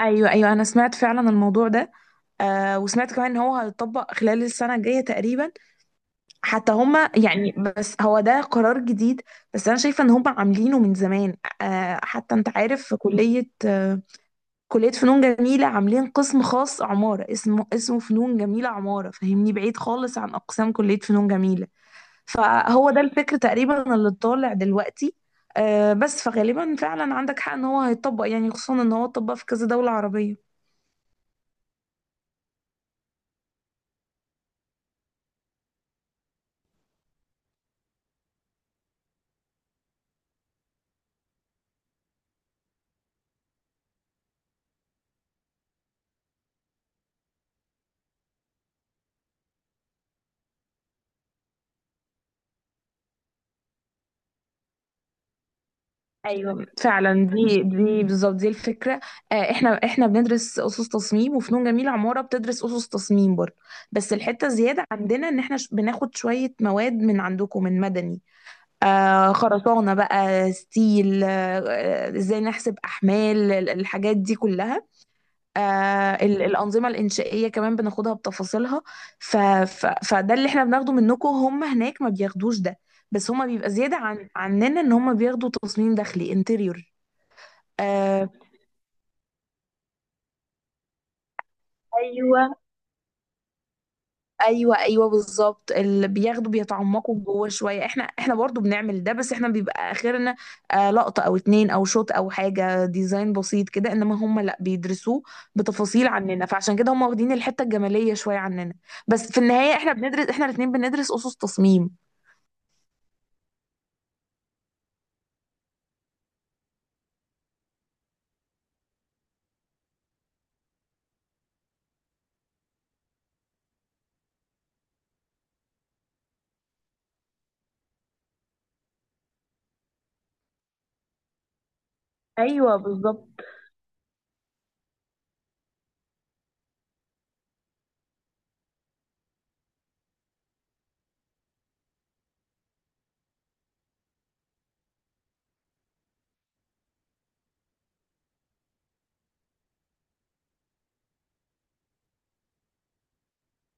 ايوه ايوه، انا سمعت فعلا الموضوع ده. آه، وسمعت كمان ان هو هيطبق خلال السنه الجايه تقريبا. حتى هما يعني بس هو ده قرار جديد. بس انا شايفه ان هما عاملينه من زمان. آه، حتى انت عارف في كليه، كليه فنون جميله عاملين قسم خاص عماره، اسمه فنون جميله عماره، فاهمني؟ بعيد خالص عن اقسام كليه فنون جميله. فهو ده الفكر تقريبا اللي طالع دلوقتي. آه بس فغالبا فعلا عندك حق ان هو هيطبق، يعني خصوصا ان هو اتطبق في كذا دوله عربيه. ايوه فعلا، دي بالظبط دي الفكره. احنا بندرس اسس تصميم، وفنون جميله عماره بتدرس اسس تصميم برضه. بس الحته الزياده عندنا ان احنا بناخد شويه مواد من عندكم من مدني. خرسانه بقى، ستيل. ازاي نحسب احمال الحاجات دي كلها. الانظمه الانشائيه كمان بناخدها بتفاصيلها. ف ف فده اللي احنا بناخده منكم. هم هناك ما بياخدوش ده. بس هما بيبقى زياده عننا ان هما بياخدوا تصميم داخلي، انتريور. آه ايوه ايوه ايوه، بالظبط اللي بياخدوا بيتعمقوا جوه شويه. احنا برضو بنعمل ده، بس احنا بيبقى اخرنا لقطه او اتنين، او شوت، او حاجه ديزاين بسيط كده. انما هم لا، بيدرسوه بتفاصيل عننا، فعشان كده هم واخدين الحته الجماليه شويه عننا. بس في النهايه احنا الاتنين بندرس اسس تصميم. ايوه بالظبط.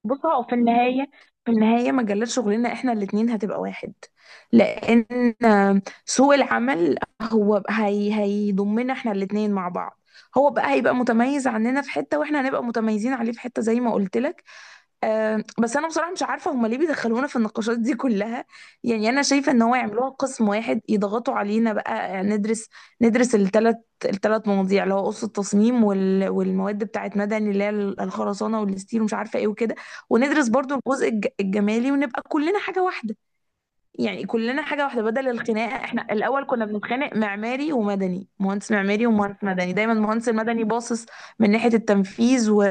بص، هو في النهاية مجالات شغلنا احنا الاتنين هتبقى واحد، لأن سوق العمل هو هيضمنا احنا الاتنين مع بعض. هو بقى هيبقى متميز عننا في حتة، واحنا هنبقى متميزين عليه في حتة، زي ما قلت لك. بس انا بصراحه مش عارفه هما ليه بيدخلونا في النقاشات دي كلها. يعني انا شايفه ان هو يعملوها قسم واحد يضغطوا علينا بقى، ندرس الثلاث مواضيع، اللي هو قصه التصميم، والمواد بتاعت مدني اللي هي الخرسانه والستيل ومش عارفه ايه وكده. وندرس برضو الجزء الجمالي، ونبقى كلنا حاجه واحده. يعني كلنا حاجة واحدة بدل الخناقة. احنا الأول كنا بنتخانق معماري ومدني، مهندس معماري ومهندس مدني، دايما المهندس المدني باصص من ناحية التنفيذ،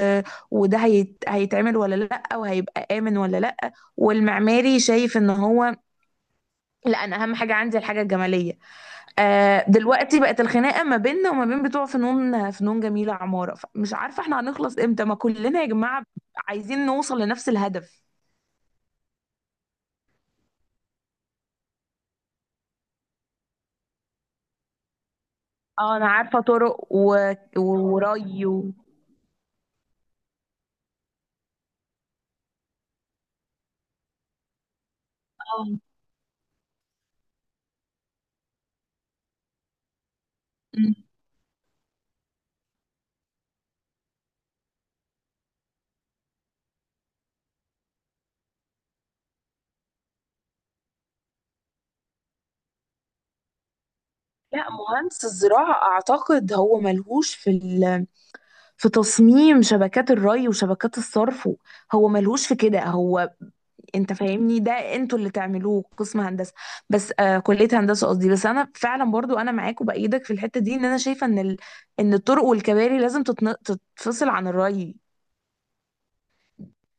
وده هيتعمل ولا لأ، وهيبقى آمن ولا لأ، والمعماري شايف ان هو لأ، أنا أهم حاجة عندي الحاجة الجمالية. آه، دلوقتي بقت الخناقة ما بيننا وما بين بتوع فنون جميلة عمارة. مش عارفة احنا هنخلص امتى؟ ما كلنا يا جماعة عايزين نوصل لنفس الهدف. اه انا عارفة، طرق و- وري آه. لا، مهندس الزراعة أعتقد هو ملهوش في في تصميم شبكات الري وشبكات الصرف هو ملهوش في كده هو. أنت فاهمني؟ ده أنتوا اللي تعملوه قسم هندسة، بس كلية هندسة قصدي. بس أنا فعلا برضو أنا معاك وبأيدك في الحتة دي، إن أنا شايفة إن إن الطرق والكباري لازم تتفصل عن الري.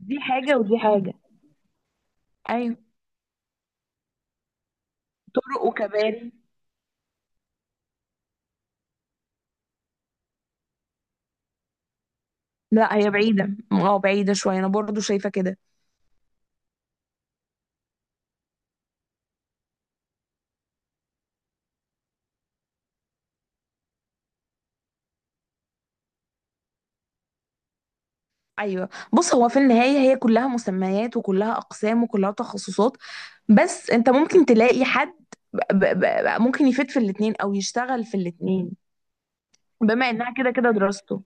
دي حاجة ودي حاجة. أيوة، طرق وكباري. لا، هي بعيدة، بعيدة شوية، أنا برضو شايفة كده. ايوه. بص هو في النهايه هي كلها مسميات، وكلها اقسام، وكلها تخصصات. بس انت ممكن تلاقي حد ب ب ب ممكن يفيد في الاتنين او يشتغل في الاتنين، بما انها كده كده دراسته.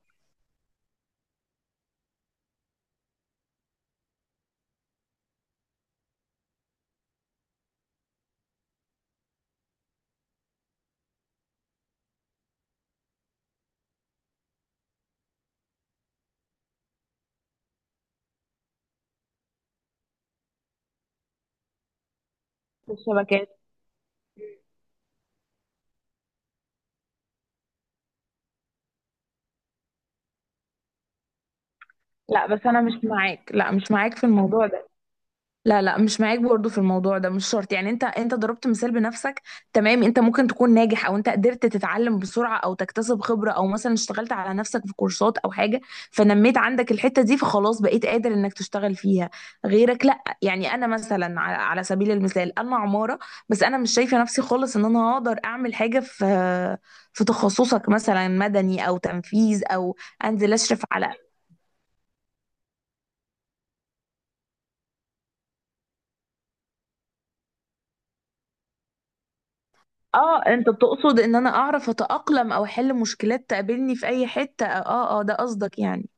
في الشبكات. لا، بس انا مش معاك. لا، مش معاك في الموضوع ده. لا لا، مش معاك برضو في الموضوع ده. مش شرط، يعني انت ضربت مثال بنفسك. تمام، انت ممكن تكون ناجح، او انت قدرت تتعلم بسرعة، او تكتسب خبرة، او مثلا اشتغلت على نفسك في كورسات او حاجة، فنميت عندك الحتة دي، فخلاص بقيت قادر انك تشتغل فيها. غيرك لا. يعني انا مثلا على سبيل المثال انا عمارة. بس انا مش شايفة نفسي خالص ان انا هقدر اعمل حاجة في تخصصك، مثلا مدني او تنفيذ او انزل اشرف على. اه، انت بتقصد ان انا اعرف اتأقلم، او احل مشكلات تقابلني في اي حتة. اه اه، ده قصدك يعني؟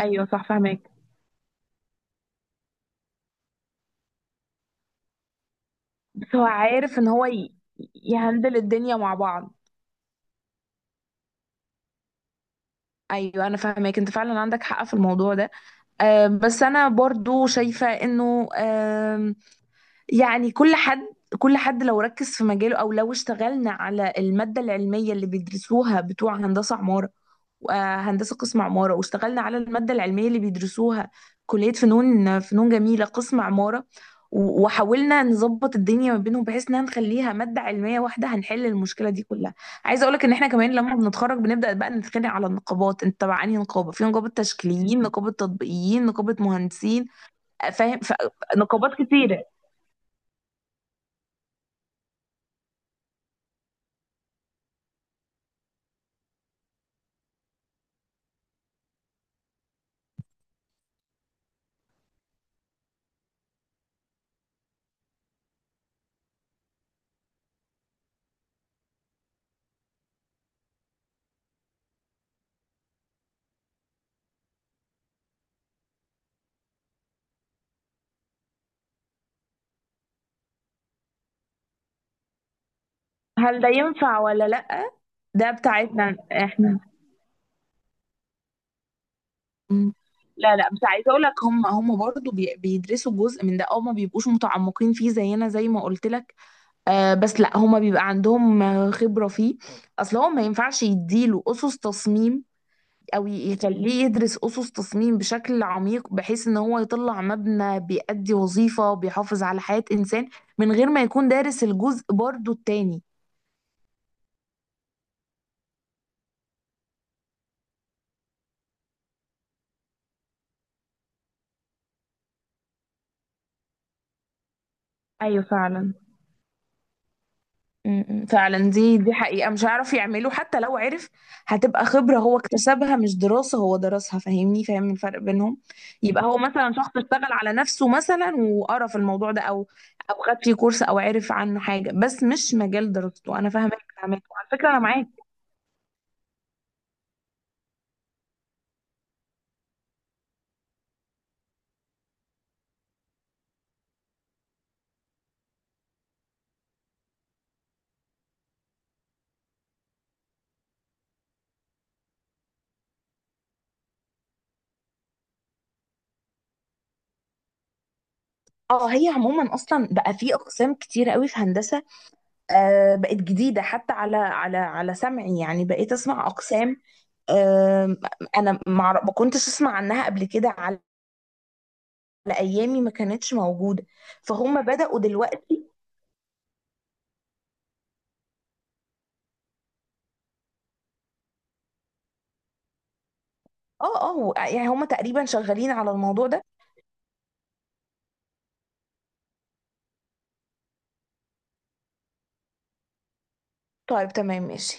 ايوه صح، فاهمك. بس هو عارف ان هو يهندل الدنيا مع بعض. ايوه انا فاهمك، انت فعلا عندك حق في الموضوع ده. آه، بس انا برضو شايفة انه يعني كل حد لو ركز في مجاله، او لو اشتغلنا على المادة العلمية اللي بيدرسوها بتوع هندسة عمارة، وهندسة قسم عمارة، واشتغلنا على المادة العلمية اللي بيدرسوها كلية فنون جميلة قسم عمارة، وحاولنا نظبط الدنيا ما بينهم بحيث انها نخليها مادة علمية واحدة، هنحل المشكلة دي كلها. عايزة اقولك ان احنا كمان لما بنتخرج بنبدأ بقى نتخانق على النقابات، انت تبع انهي نقابة؟ في نقابة تشكيليين، نقابة تطبيقيين، نقابة مهندسين. فاهم؟ نقابات كتيرة. هل ده ينفع ولا لأ؟ ده بتاعتنا احنا. مم. لا لا، مش عايزه اقول لك، هم برضو بيدرسوا جزء من ده، او ما بيبقوش متعمقين فيه زينا زي ما قلت لك. آه بس لا، هم بيبقى عندهم خبره فيه. اصل هو ما ينفعش يديله اسس تصميم، او يخليه يدرس اسس تصميم بشكل عميق، بحيث ان هو يطلع مبنى بيأدي وظيفه، بيحافظ على حياه انسان، من غير ما يكون دارس الجزء برضو التاني. ايوه فعلا. فعلا دي حقيقة مش هيعرف يعمله. حتى لو عرف، هتبقى خبرة هو اكتسبها، مش دراسة هو درسها، فاهمني؟ فاهم الفرق بينهم. يبقى هو مثلا شخص اشتغل على نفسه مثلا وقرا في الموضوع ده، او خد فيه كورس، او عرف عنه حاجة، بس مش مجال دراسته. انا فاهمك. فاهمك، وعلى فكرة انا معاك. اه، هي عموما اصلا بقى في اقسام كتير قوي في هندسة. آه، بقت جديدة حتى على سمعي، يعني بقيت اسمع اقسام. آه انا ما كنتش اسمع عنها قبل كده، على ايامي ما كانتش موجوده، فهم بداوا دلوقتي. اه اه، يعني هم تقريبا شغالين على الموضوع ده. طيب تمام ماشي.